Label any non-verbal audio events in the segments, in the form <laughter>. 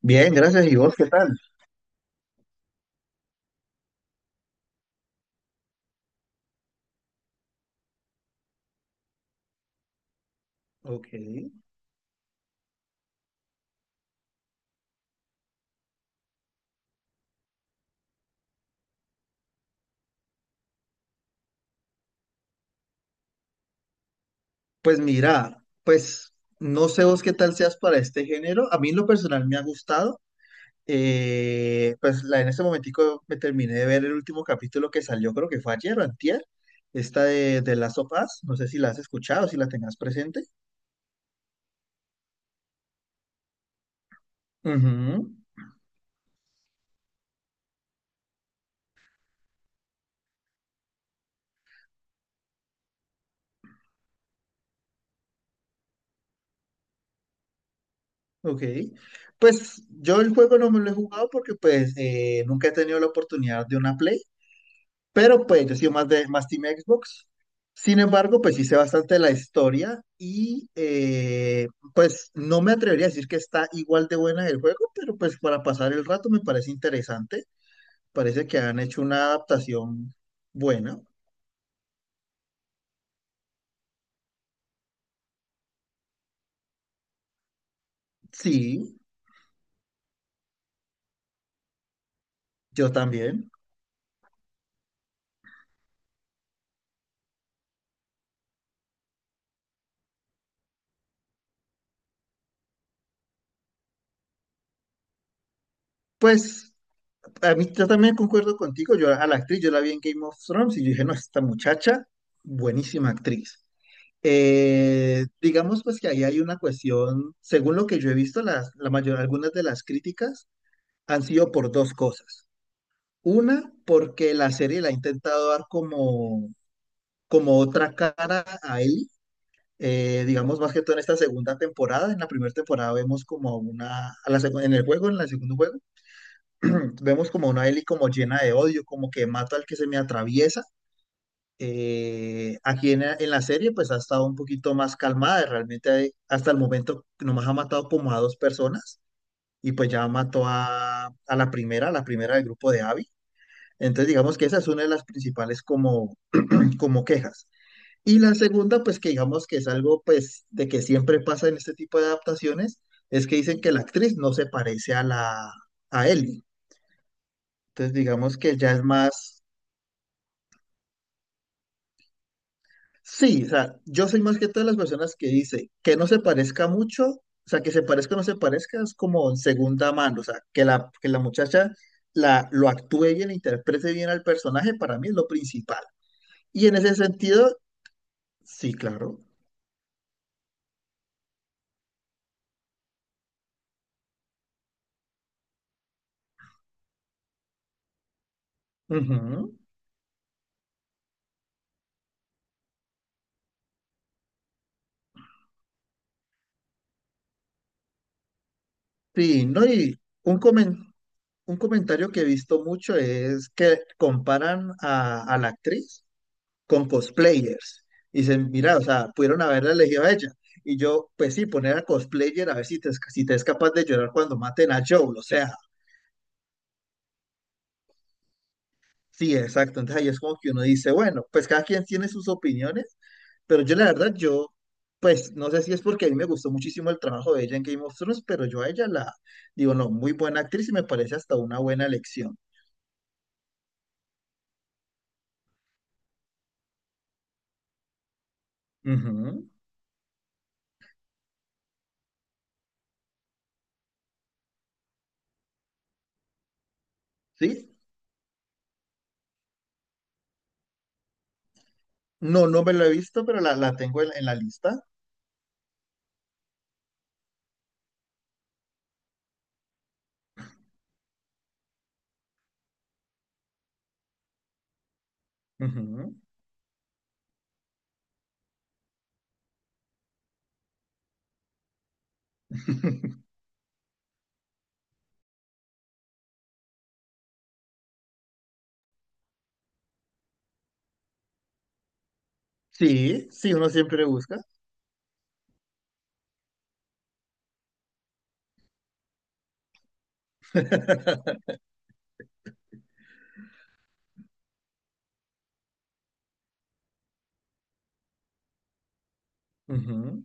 Bien, gracias. ¿Y vos qué tal? Ok. Pues mira, pues no sé vos qué tal seas para este género. A mí en lo personal me ha gustado. Pues en este momentico me terminé de ver el último capítulo que salió, creo que fue ayer o antier. Esta de Last of Us. No sé si la has escuchado, si la tengas presente. Ujú. Ok. Pues yo el juego no me lo he jugado porque pues nunca he tenido la oportunidad de una Play. Pero pues yo he sido más de más Team Xbox. Sin embargo, pues sí sé bastante de la historia y pues no me atrevería a decir que está igual de buena el juego, pero pues para pasar el rato me parece interesante. Parece que han hecho una adaptación buena. Sí, yo también. Pues a mí yo también concuerdo contigo. Yo a la actriz, yo la vi en Game of Thrones y yo dije, no, esta muchacha, buenísima actriz. Digamos pues que ahí hay una cuestión, según lo que yo he visto, algunas de las críticas han sido por dos cosas. Una, porque la serie le ha intentado dar como otra cara a Ellie, digamos más que todo en esta segunda temporada. En la primera temporada vemos como a una, a la secu- en el juego, en el segundo juego, <clears throat> vemos como a una Ellie como llena de odio, como que mato al que se me atraviesa. Aquí en la serie pues ha estado un poquito más calmada, realmente hasta el momento nomás ha matado como a dos personas y pues ya mató a la primera del grupo de Abby. Entonces digamos que esa es una de las principales como quejas. Y la segunda pues que digamos que es algo pues de que siempre pasa en este tipo de adaptaciones es que dicen que la actriz no se parece a Ellie. Entonces digamos que ya es más. Sí, o sea, yo soy más que todas las personas que dice que no se parezca mucho, o sea, que se parezca o no se parezca es como segunda mano, o sea, que la muchacha lo actúe bien, interprete bien al personaje, para mí es lo principal. Y en ese sentido, sí, claro. Ujú. Sí, no, y un, comen- un comentario que he visto mucho es que comparan a la actriz, con cosplayers. Y dicen, mira, o sea, pudieron haberla elegido a ella. Y yo, pues sí, poner a cosplayer a ver si te es capaz de llorar cuando maten a Joel, o sea, sí, exacto. Entonces ahí es como que uno dice, bueno, pues cada quien tiene sus opiniones, pero yo la verdad, yo, pues no sé si es porque a mí me gustó muchísimo el trabajo de ella en Game of Thrones, pero yo a ella la digo, no, muy buena actriz y me parece hasta una buena elección. Ujú. ¿Sí? No, no me lo he visto, pero la tengo en la lista. Ujú. <laughs> Sí, sí, uno siempre busca. <laughs> Ujú,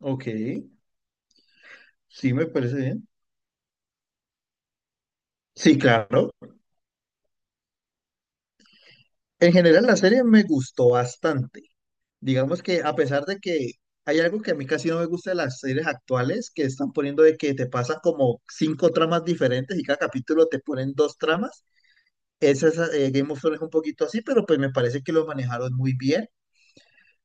ok, sí, me parece bien. Sí, claro. En general, la serie me gustó bastante. Digamos que a pesar de que hay algo que a mí casi no me gusta de las series actuales, que están poniendo de que te pasan como cinco tramas diferentes y cada capítulo te ponen dos tramas. Esa es, Game of Thrones es un poquito así, pero pues me parece que lo manejaron muy bien.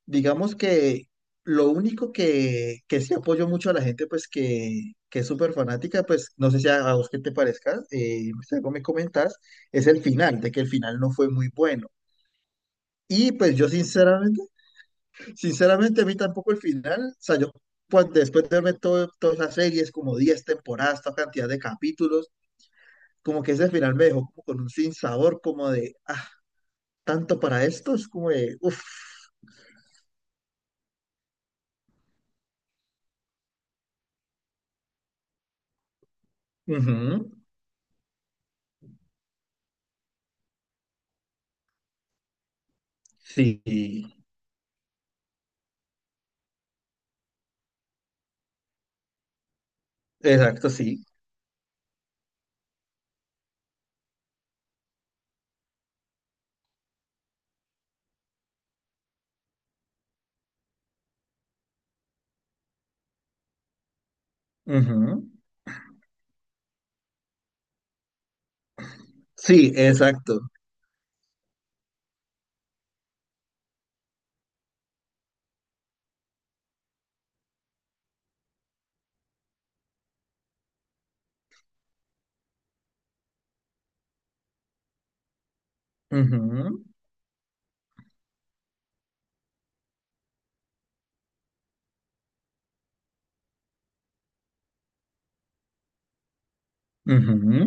Digamos que lo único que sí apoyo mucho a la gente, pues que es súper fanática, pues no sé si a vos qué te parezca, si algo me comentás, es el final, de que el final no fue muy bueno. Y pues yo sinceramente, sinceramente a mí tampoco el final, o sea, yo cuando, después de verme todas las series, como 10 temporadas, toda cantidad de capítulos, como que ese final me dejó como con un sinsabor, como de, ah, tanto para esto, es como de, uff. Ujú, sí, exacto, sí. Ujú. Sí, exacto. Ujú, ujú,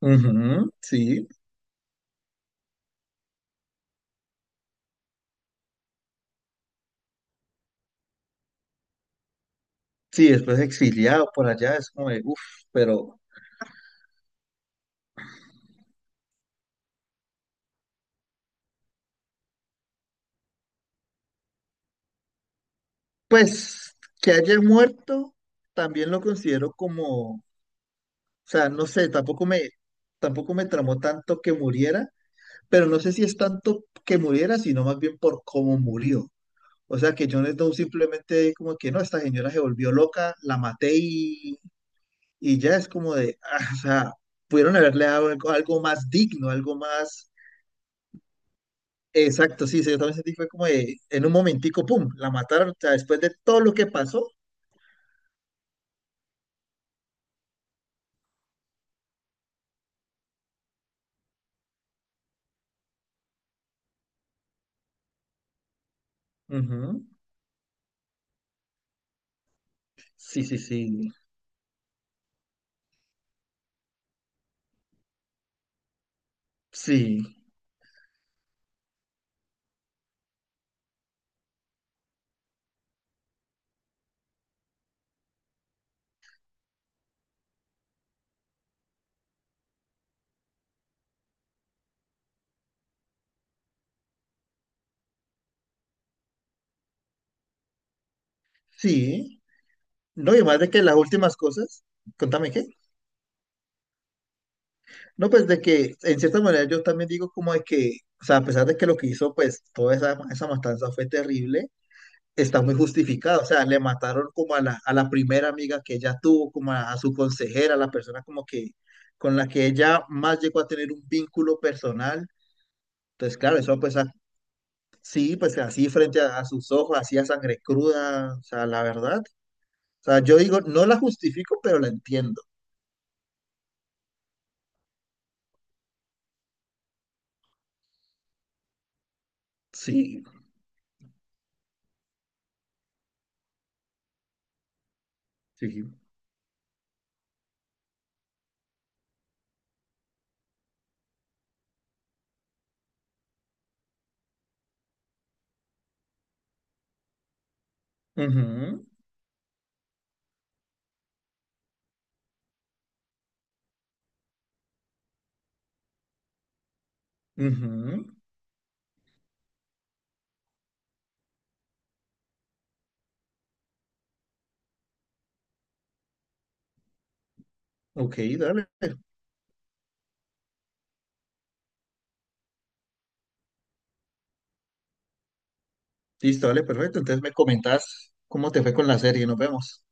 ujú. Sí, sí, después exiliado por allá, es como de, uff, pero pues que haya muerto, también lo considero como, o sea, no sé, tampoco me, tramó tanto que muriera, pero no sé si es tanto que muriera, sino más bien por cómo murió. O sea, que Jon Snow simplemente como que no, esta señora se volvió loca, la maté y ya es como de, ah, o sea, pudieron haberle dado algo, algo más digno, algo más... Exacto, sí, sí, yo también sentí, fue como de, en un momentico, pum, la mataron, o sea, después de todo lo que pasó. Ujú. Sí, sí, sí, sí, sí. No, y además de que las últimas cosas, contame qué. No, pues de que, en cierta manera, yo también digo como de que, o sea, a pesar de que lo que hizo, pues, toda esa matanza fue terrible, está muy justificado. O sea, le mataron como a la primera amiga que ella tuvo, como a su consejera, la persona como que con la que ella más llegó a tener un vínculo personal. Entonces, claro, eso pues sí, pues así frente a sus ojos, así a sangre cruda, o sea, la verdad. O sea, yo digo, no la justifico, pero la entiendo. Sí, sí. Ujú, ujú. Ok, dale. Listo, dale, perfecto. Entonces me comentas cómo te fue con la serie. Nos vemos.